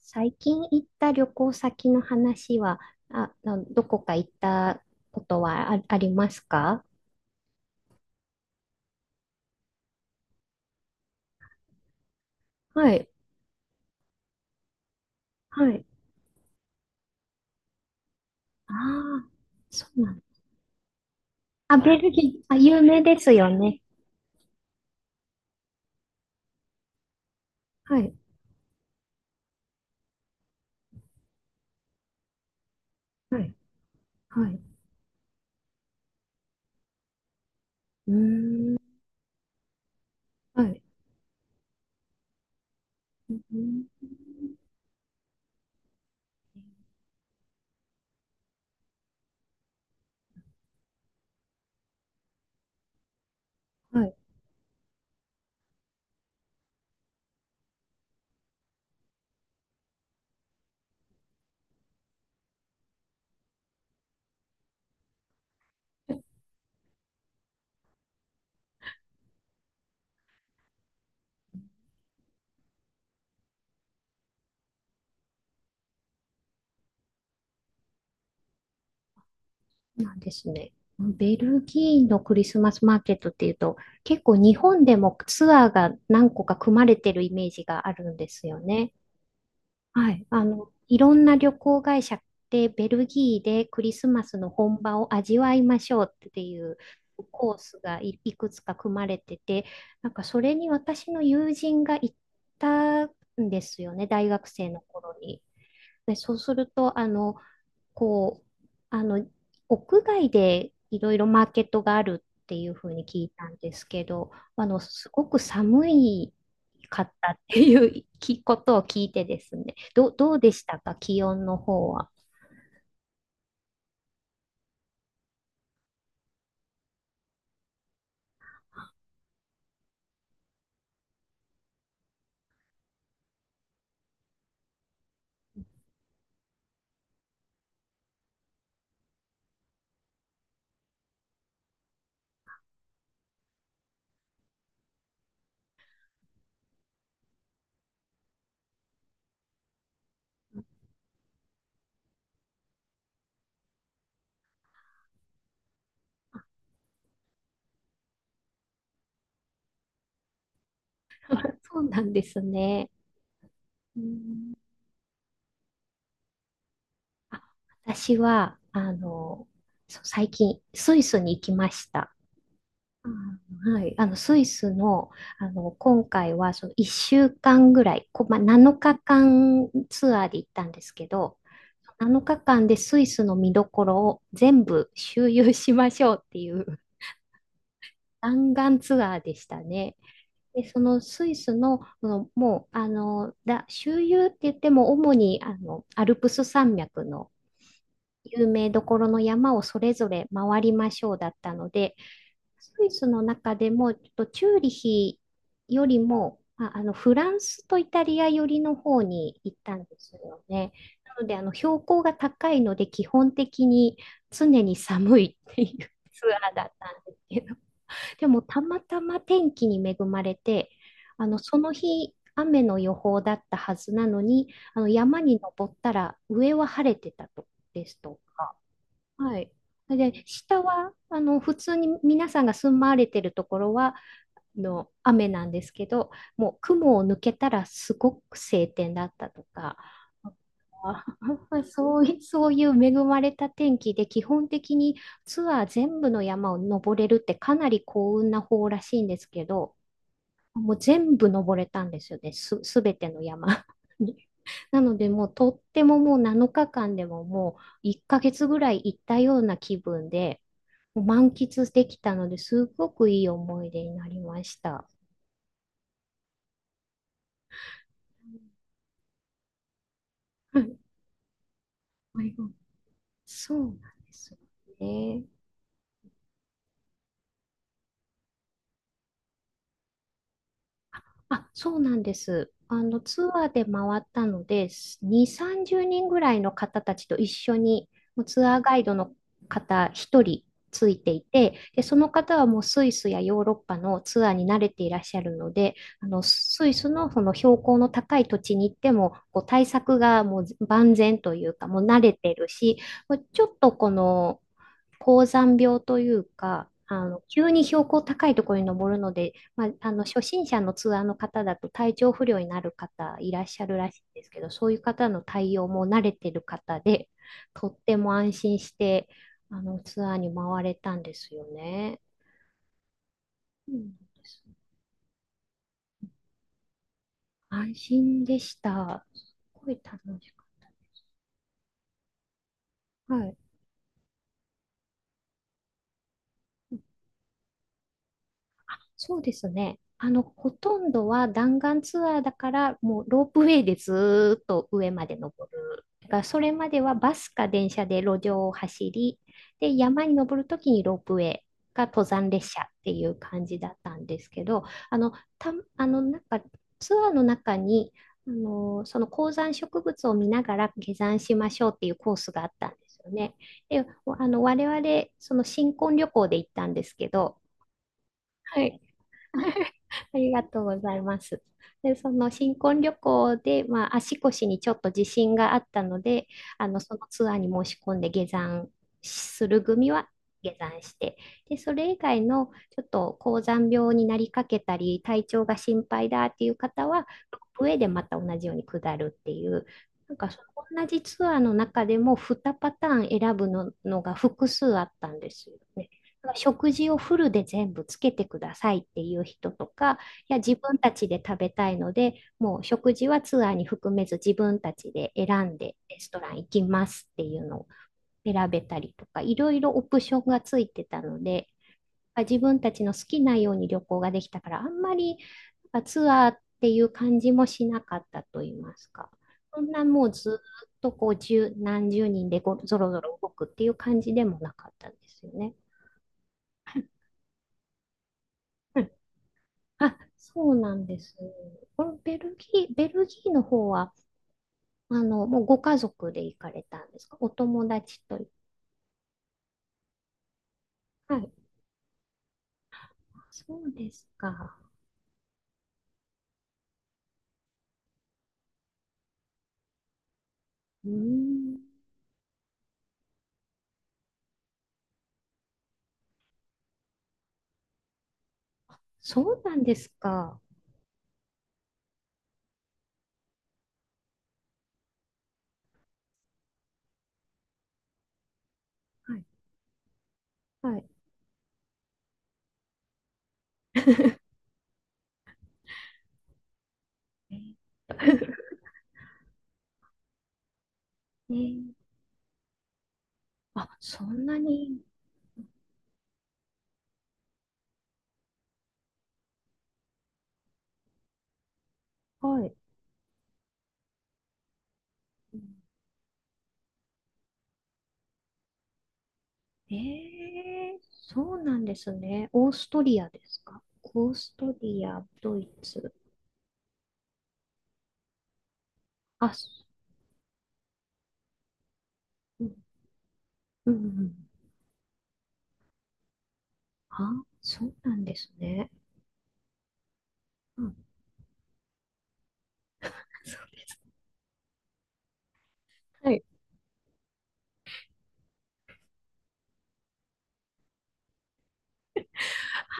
最近行った旅行先の話は、どこか行ったことはありますか？はい、はい。ああ、そうなんだ。ベルギー、あ、有名ですよね。はい、はい、はい。うーん、はい。うーん、はい、そうなんですね。ベルギーのクリスマスマーケットっていうと、結構日本でもツアーが何個か組まれてるイメージがあるんですよね。はい。あの、いろんな旅行会社ってベルギーでクリスマスの本場を味わいましょうっていうコースがいくつか組まれてて、なんかそれに私の友人が行ったんですよね、大学生の頃に。で、そうすると、あの、こう、あの、屋外でいろいろマーケットがあるっていうふうに聞いたんですけど、あの、すごく寒いかったっていうきことを聞いてですね。どうでしたか、気温の方は？そうなんですね。うん。あ、私は、あの、そう最近、スイスに行きました。あ、はい、あのスイスの、あの今回はその1週間ぐらい、まあ、7日間ツアーで行ったんですけど、7日間でスイスの見どころを全部周遊しましょうっていう弾丸ツアーでしたね。で、そのスイスの、そのもう、あの、だ、周遊って言っても主にあのアルプス山脈の有名どころの山をそれぞれ回りましょうだったので、スイスの中でも、ちょっとチューリヒよりも、まあ、あのフランスとイタリア寄りの方に行ったんですよね。なので、あの標高が高いので、基本的に常に寒いっていうツアーだったんですけど、でもたまたま天気に恵まれて、あのその日、雨の予報だったはずなのに、あの山に登ったら上は晴れてたとですとか。はい。で、下は、あの、普通に皆さんが住まわれてるところは、あの、雨なんですけど、もう雲を抜けたらすごく晴天だったとか、あ、 そういう恵まれた天気で、基本的にツアー全部の山を登れるってかなり幸運な方らしいんですけど、もう全部登れたんですよね。すべての山に。なので、とっても、もう7日間でももう1ヶ月ぐらい行ったような気分で、もう満喫できたので、すごくいい思い出になりました。はい。そうなんですよね。あ、そうなんです。あの、ツアーで回ったので、2、30人ぐらいの方たちと一緒に、もうツアーガイドの方1人ついていて、で、その方はもうスイスやヨーロッパのツアーに慣れていらっしゃるので、あの、スイスのその標高の高い土地に行っても、こう対策がもう万全というか、もう慣れてるし、ちょっとこの、高山病というか、あの、急に標高高いところに登るので、まあ、あの、初心者のツアーの方だと体調不良になる方いらっしゃるらしいんですけど、そういう方の対応も慣れてる方で、とっても安心して、あの、ツアーに回れたんですよね。うん、安心でした。すごい楽しかった。はい。そうですね。あの、ほとんどは弾丸ツアーだから、もうロープウェイでずーっと上まで登る。だからそれまではバスか電車で路上を走り、で、山に登るときにロープウェイか登山列車っていう感じだったんですけど、あの、なんかツアーの中に、あの、その高山植物を見ながら下山しましょうっていうコースがあったんですよね。で、あの、我々、その新婚旅行で行ったんですけど、はい。ありがとうございます。で、その新婚旅行で、まあ、足腰にちょっと自信があったので、あの、そのツアーに申し込んで下山する組は下山して、で、それ以外のちょっと高山病になりかけたり、体調が心配だっていう方は、上でまた同じように下るっていう、なんかその同じツアーの中でも2パターン選ぶの、のが複数あったんですよね。食事をフルで全部つけてくださいっていう人とか、いや、自分たちで食べたいので、もう食事はツアーに含めず自分たちで選んでレストラン行きますっていうのを選べたりとか、いろいろオプションがついてたので、自分たちの好きなように旅行ができたから、あんまりツアーっていう感じもしなかったと言いますか。そんなもうずっとこう十何十人でごろぞろ動くっていう感じでもなかったんですよね。あ、そうなんです。このベルギーの方は、あの、もうご家族で行かれたんですか、お友達と？はい。そうですか。うーん。そうなんですか。はい。はい。えー、あ、そんなに。はい。ええ、そうなんですね。オーストリアですか？オーストリア、ドイツ。あ、す、うん、うん、うん。あ、そうなんですね。はい。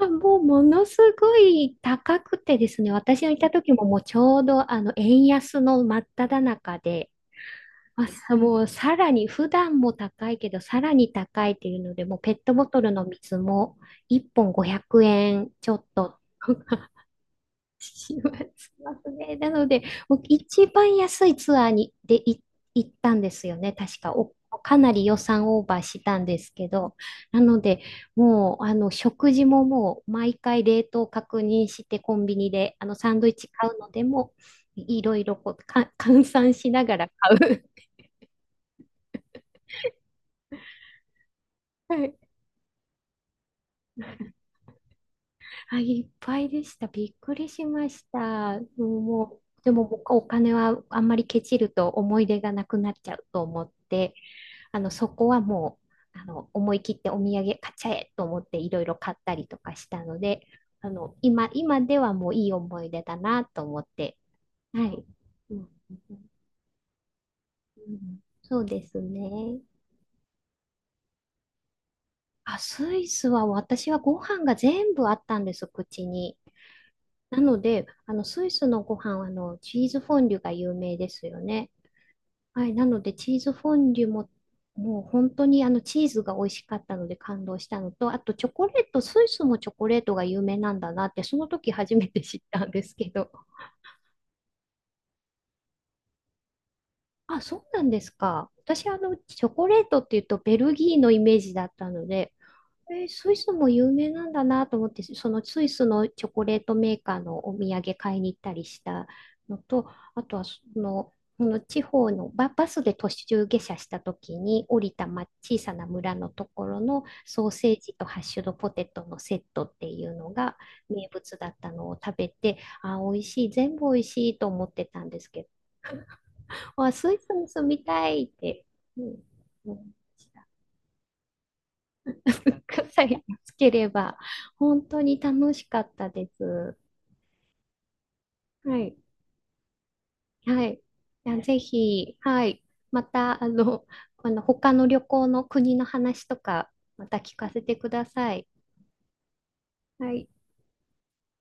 あ、もうものすごい高くてですね、私がいた時ももうちょうどあの円安の真っ只中で、まあさもうさらに普段も高いけど、さらに高いっていうので、もうペットボトルの水も1本500円ちょっとしますね。なので、もう一番安いツアーに行ったんですよね、確か。お、かなり予算オーバーしたんですけど、なので、もうあの食事ももう毎回冷凍確認して、コンビニであのサンドイッチ買うのでも、いろいろこうか 換算しながら買う。はい、あ、いっぱいでした。びっくりしました。もう、もうでも僕お金はあんまりケチると思い出がなくなっちゃうと思って、あの、そこはもう、あの、思い切ってお土産買っちゃえと思っていろいろ買ったりとかしたので、あの、今ではもういい思い出だなと思って、はい。うん、うん、そうですね。あ、スイスは私はご飯が全部あったんです、口に。なので、あの、スイスのご飯は、あの、チーズフォンデュが有名ですよね。はい、なのでチーズフォンデュも、もう本当にあのチーズが美味しかったので感動したのと、あとチョコレート、スイスもチョコレートが有名なんだなって、その時初めて知ったんですけど。あ、そうなんですか。私、あの、チョコレートっていうとベルギーのイメージだったので、えー、スイスも有名なんだなと思って、そのスイスのチョコレートメーカーのお土産買いに行ったりしたのと、あとはその、その地方のバスで途中下車した時に降りた、ま、小さな村のところのソーセージとハッシュドポテトのセットっていうのが名物だったのを食べて、あー、美味しい、全部美味しいと思ってたんですけど、あー、スイスに住みたいって、うん、思いました。 文化祭がつければ、本当に楽しかったです。はい。はい。いや、ぜひ、はい。また、あの、この他の旅行の国の話とか、また聞かせてください。はい。